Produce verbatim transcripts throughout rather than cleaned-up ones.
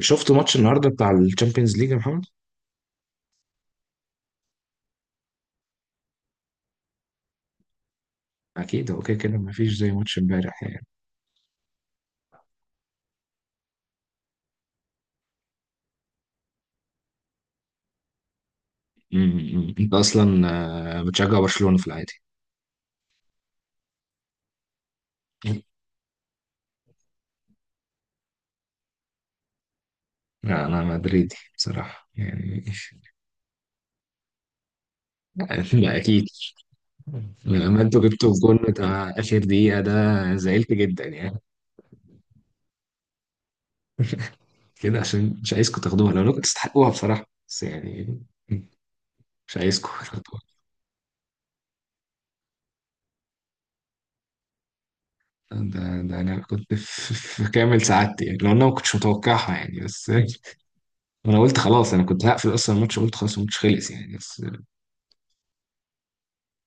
شفت ماتش النهارده بتاع الشامبيونز ليج يا محمد. اكيد هو كده كده ما فيش زي ماتش امبارح يعني. امم. انت اصلا آه، بتشجع برشلونة في العادي؟ لا انا مدريدي بصراحة يعني. لا اكيد. لما انتوا جبتوا الجول بتاع اخر دقيقة ده زعلت جدا يعني. كده عشان مش عايزكم تاخدوها لو كنتوا تستحقوها بصراحة بس يعني مش عايزكم تاخدوها. ده ده انا كنت في, في كامل سعادتي يعني، لو انا ما كنتش متوقعها يعني. بس انا قلت خلاص، انا كنت هقفل اصلا الماتش، قلت خلاص الماتش خلص يعني بس.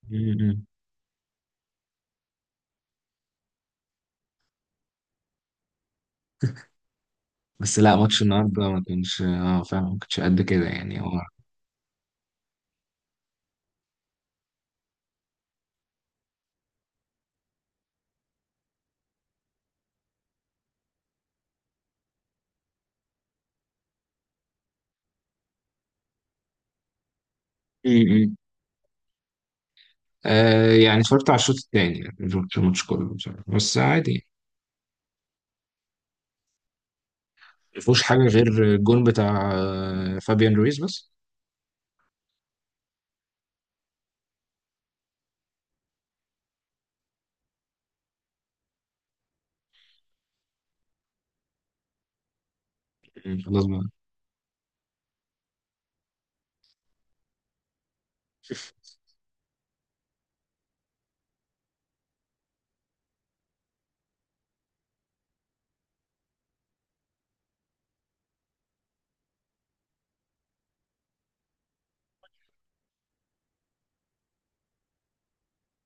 مم. بس لا ماتش النهارده ما كانش اه فعلا، ما كانش قد كده يعني هو. مم. آه، يعني اتفرجت على الشوط الثاني، يعني مش شفت الماتش كله بصراحة. بس عادي يعني. ما فيهوش حاجه غير الجون بتاع آه، فابيان رويز بس. مم. خلاص بقى.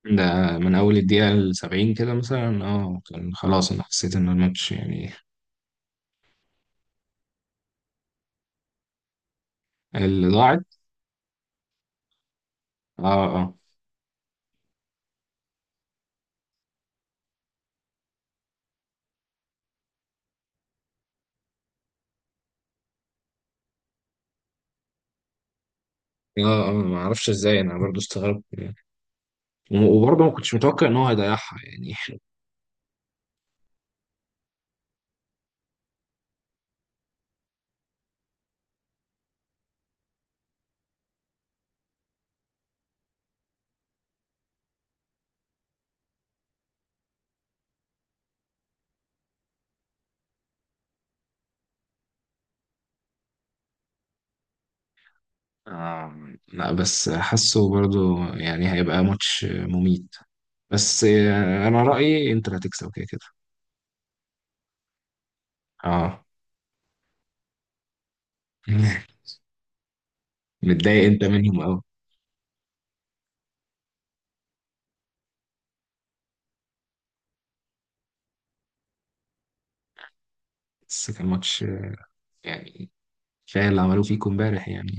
ده من اول الدقيقه ال سبعين كده مثلا، اه كان خلاص انا حسيت ان الماتش يعني. اللي ضاعت. اه، اه، اه، اه، ما اعرفش ازاي، انا برضو استغربت يعني. وم- وبرضه ما كنتش متوقع ان هو هيضيعها يعني. آه، لا بس حاسه برضو يعني هيبقى ماتش مميت. بس آه، انا رأيي انتر هتكسب كده كده. اه. متضايق انت منهم قوي. بس كان ماتش آه، يعني كفايه اللي عملوه فيكم امبارح يعني.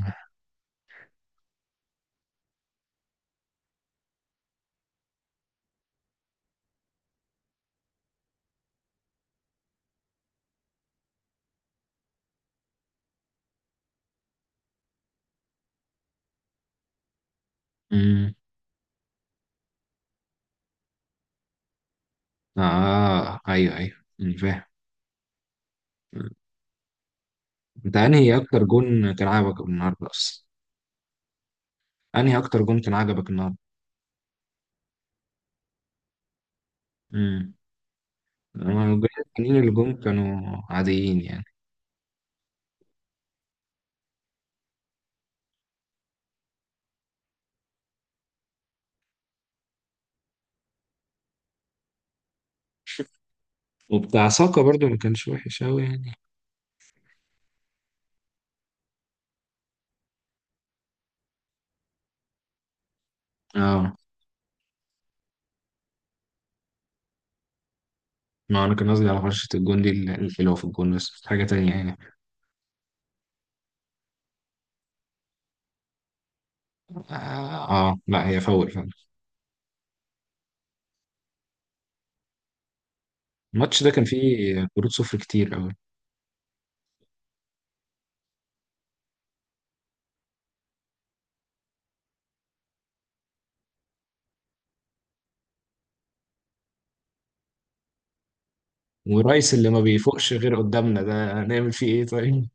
امم، اه، ايوه، ايوه، أمم، فاهم. أمم. انت انهي اكتر جون كان عجبك النهارده اصلا؟ انهي اكتر جون كان عجبك النهارده؟ امم. أما الجون التانيين اللي جون كانوا عاديين يعني. وبتاع ساكا برضو ما كانش وحش قوي يعني. اه، ما انا كان قصدي على فرشة الجون دي الحلوة في الجون، بس مش حاجة تانية يعني. اه، آه، لا هي فاول فعلا. الماتش ده كان فيه كروت صفر كتير قوي. ورايس اللي ما بيفوقش غير قدامنا ده، هنعمل فيه ايه طيب؟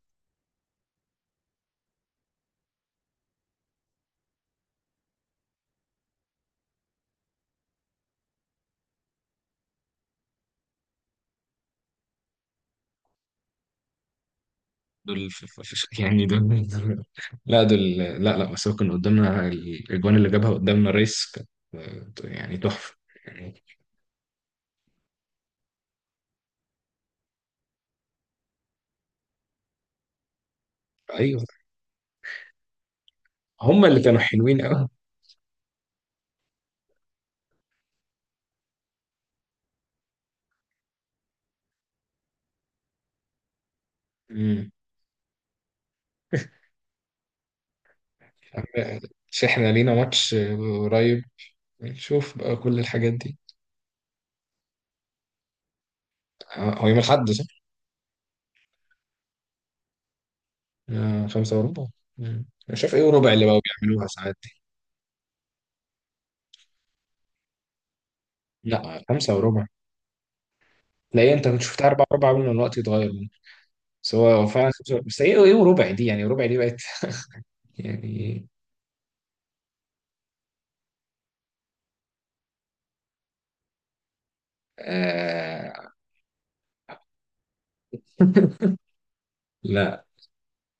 دول ف- ف- ف- يعني دول دول- لا دول، لا، لا، بس هو كان قدامنا الاجوان اللي جابها قدامنا، رايس كانت آه، يعني تحفة يعني. ايوه. هما اللي كانوا حلوين قوي. مم. مش احنا لينا ماتش قريب؟ نشوف بقى كل الحاجات دي. آه، هو يوم الاحد صح؟ آه، خمسة وربع. مم. أنا شايف إيه وربع اللي بقوا بيعملوها ساعات دي. لا، خمسة وربع. تلاقي أنت كنت شفتها أربعة وربع قبل ما الوقت يتغير منه. بس هو فعلا خمسة وربع. بس إيه، إيه وربع دي، يعني ربع دي بقت يعني. آه لا،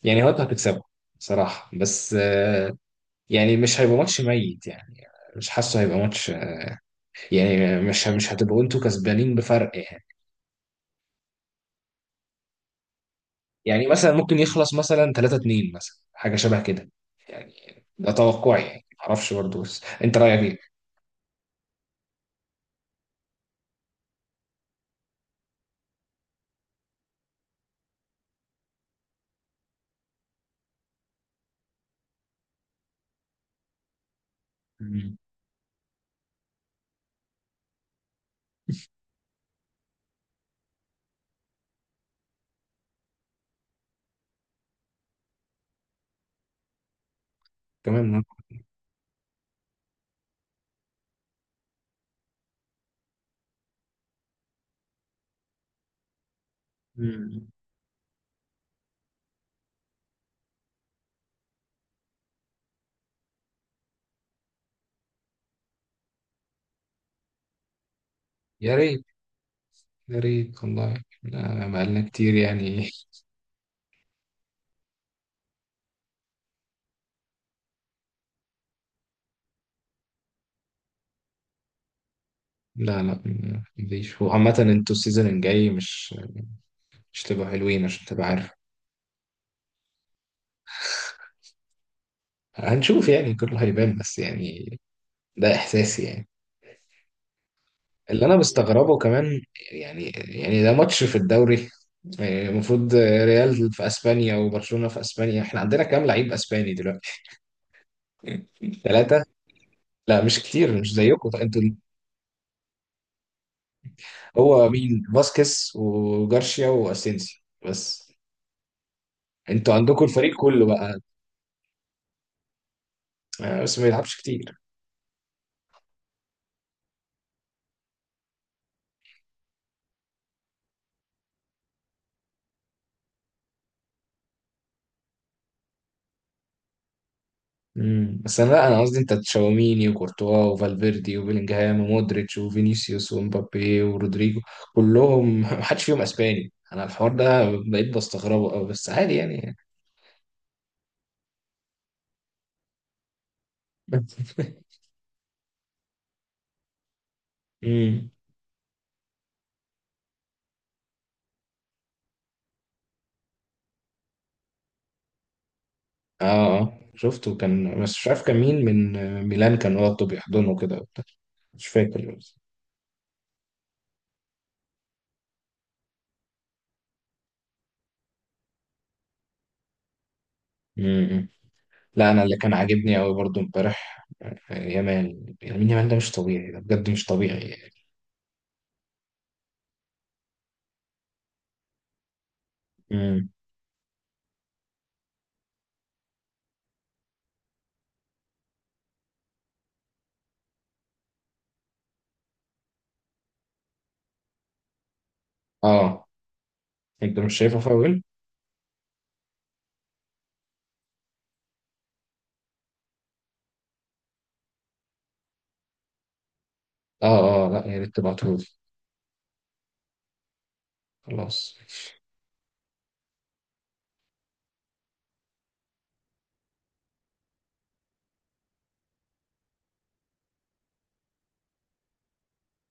يعني هو أنت هتكسبه صراحة، بس آه يعني مش هيبقى ماتش ميت يعني. مش حاسه هيبقى ماتش، يعني مش مش هتبقوا أنتوا كسبانين بفرق يعني. يعني مثلا ممكن يخلص مثلا ثلاثة اثنين مثلا، حاجة شبه كده يعني. ده توقعي يعني، معرفش برضه. بس أنت رأيك إيه؟ كمان. مم. يا ريت. يا ريت والله، لا، بقالنا كتير يعني. لا، لا، مفيش. وعامة انتوا السيزون الجاي مش مش تبقوا حلوين، عشان تبقى عارف. هنشوف يعني، كله هيبان بس يعني. ده احساسي يعني. اللي انا مستغربه كمان، يعني يعني ده ماتش في الدوري. يعني المفروض ريال في اسبانيا وبرشلونة في اسبانيا، احنا عندنا كام لعيب اسباني دلوقتي؟ ثلاثة. لا مش كتير، مش زيكم انتوا. هو مين؟ فاسكيز وجارشيا واسينسيو بس. انتوا عندكم الفريق كله بقى. آه، بس ما يلعبش كتير. امم بس انا، لا انا قصدي انت تشاوميني وكورتوا وفالفيردي وبيلينجهام ومودريتش وفينيسيوس ومبابي ورودريجو كلهم محدش فيهم اسباني. انا الحوار ده بقيت بستغربه قوي، بس عادي يعني. امم. اه، اه، شفته كان، بس مش عارف كان مين، من آه، ميلان كان واخده بيحضنه كده وبتاع. مش فاكر بس. امم لا انا اللي كان عاجبني قوي برضو امبارح آه، يامال، يمين يامال ده مش طبيعي، ده بجد مش طبيعي. امم. اه. انت مش شايفه فاول. اه، اه، لا، يا ريت تبعتهولي. خلاص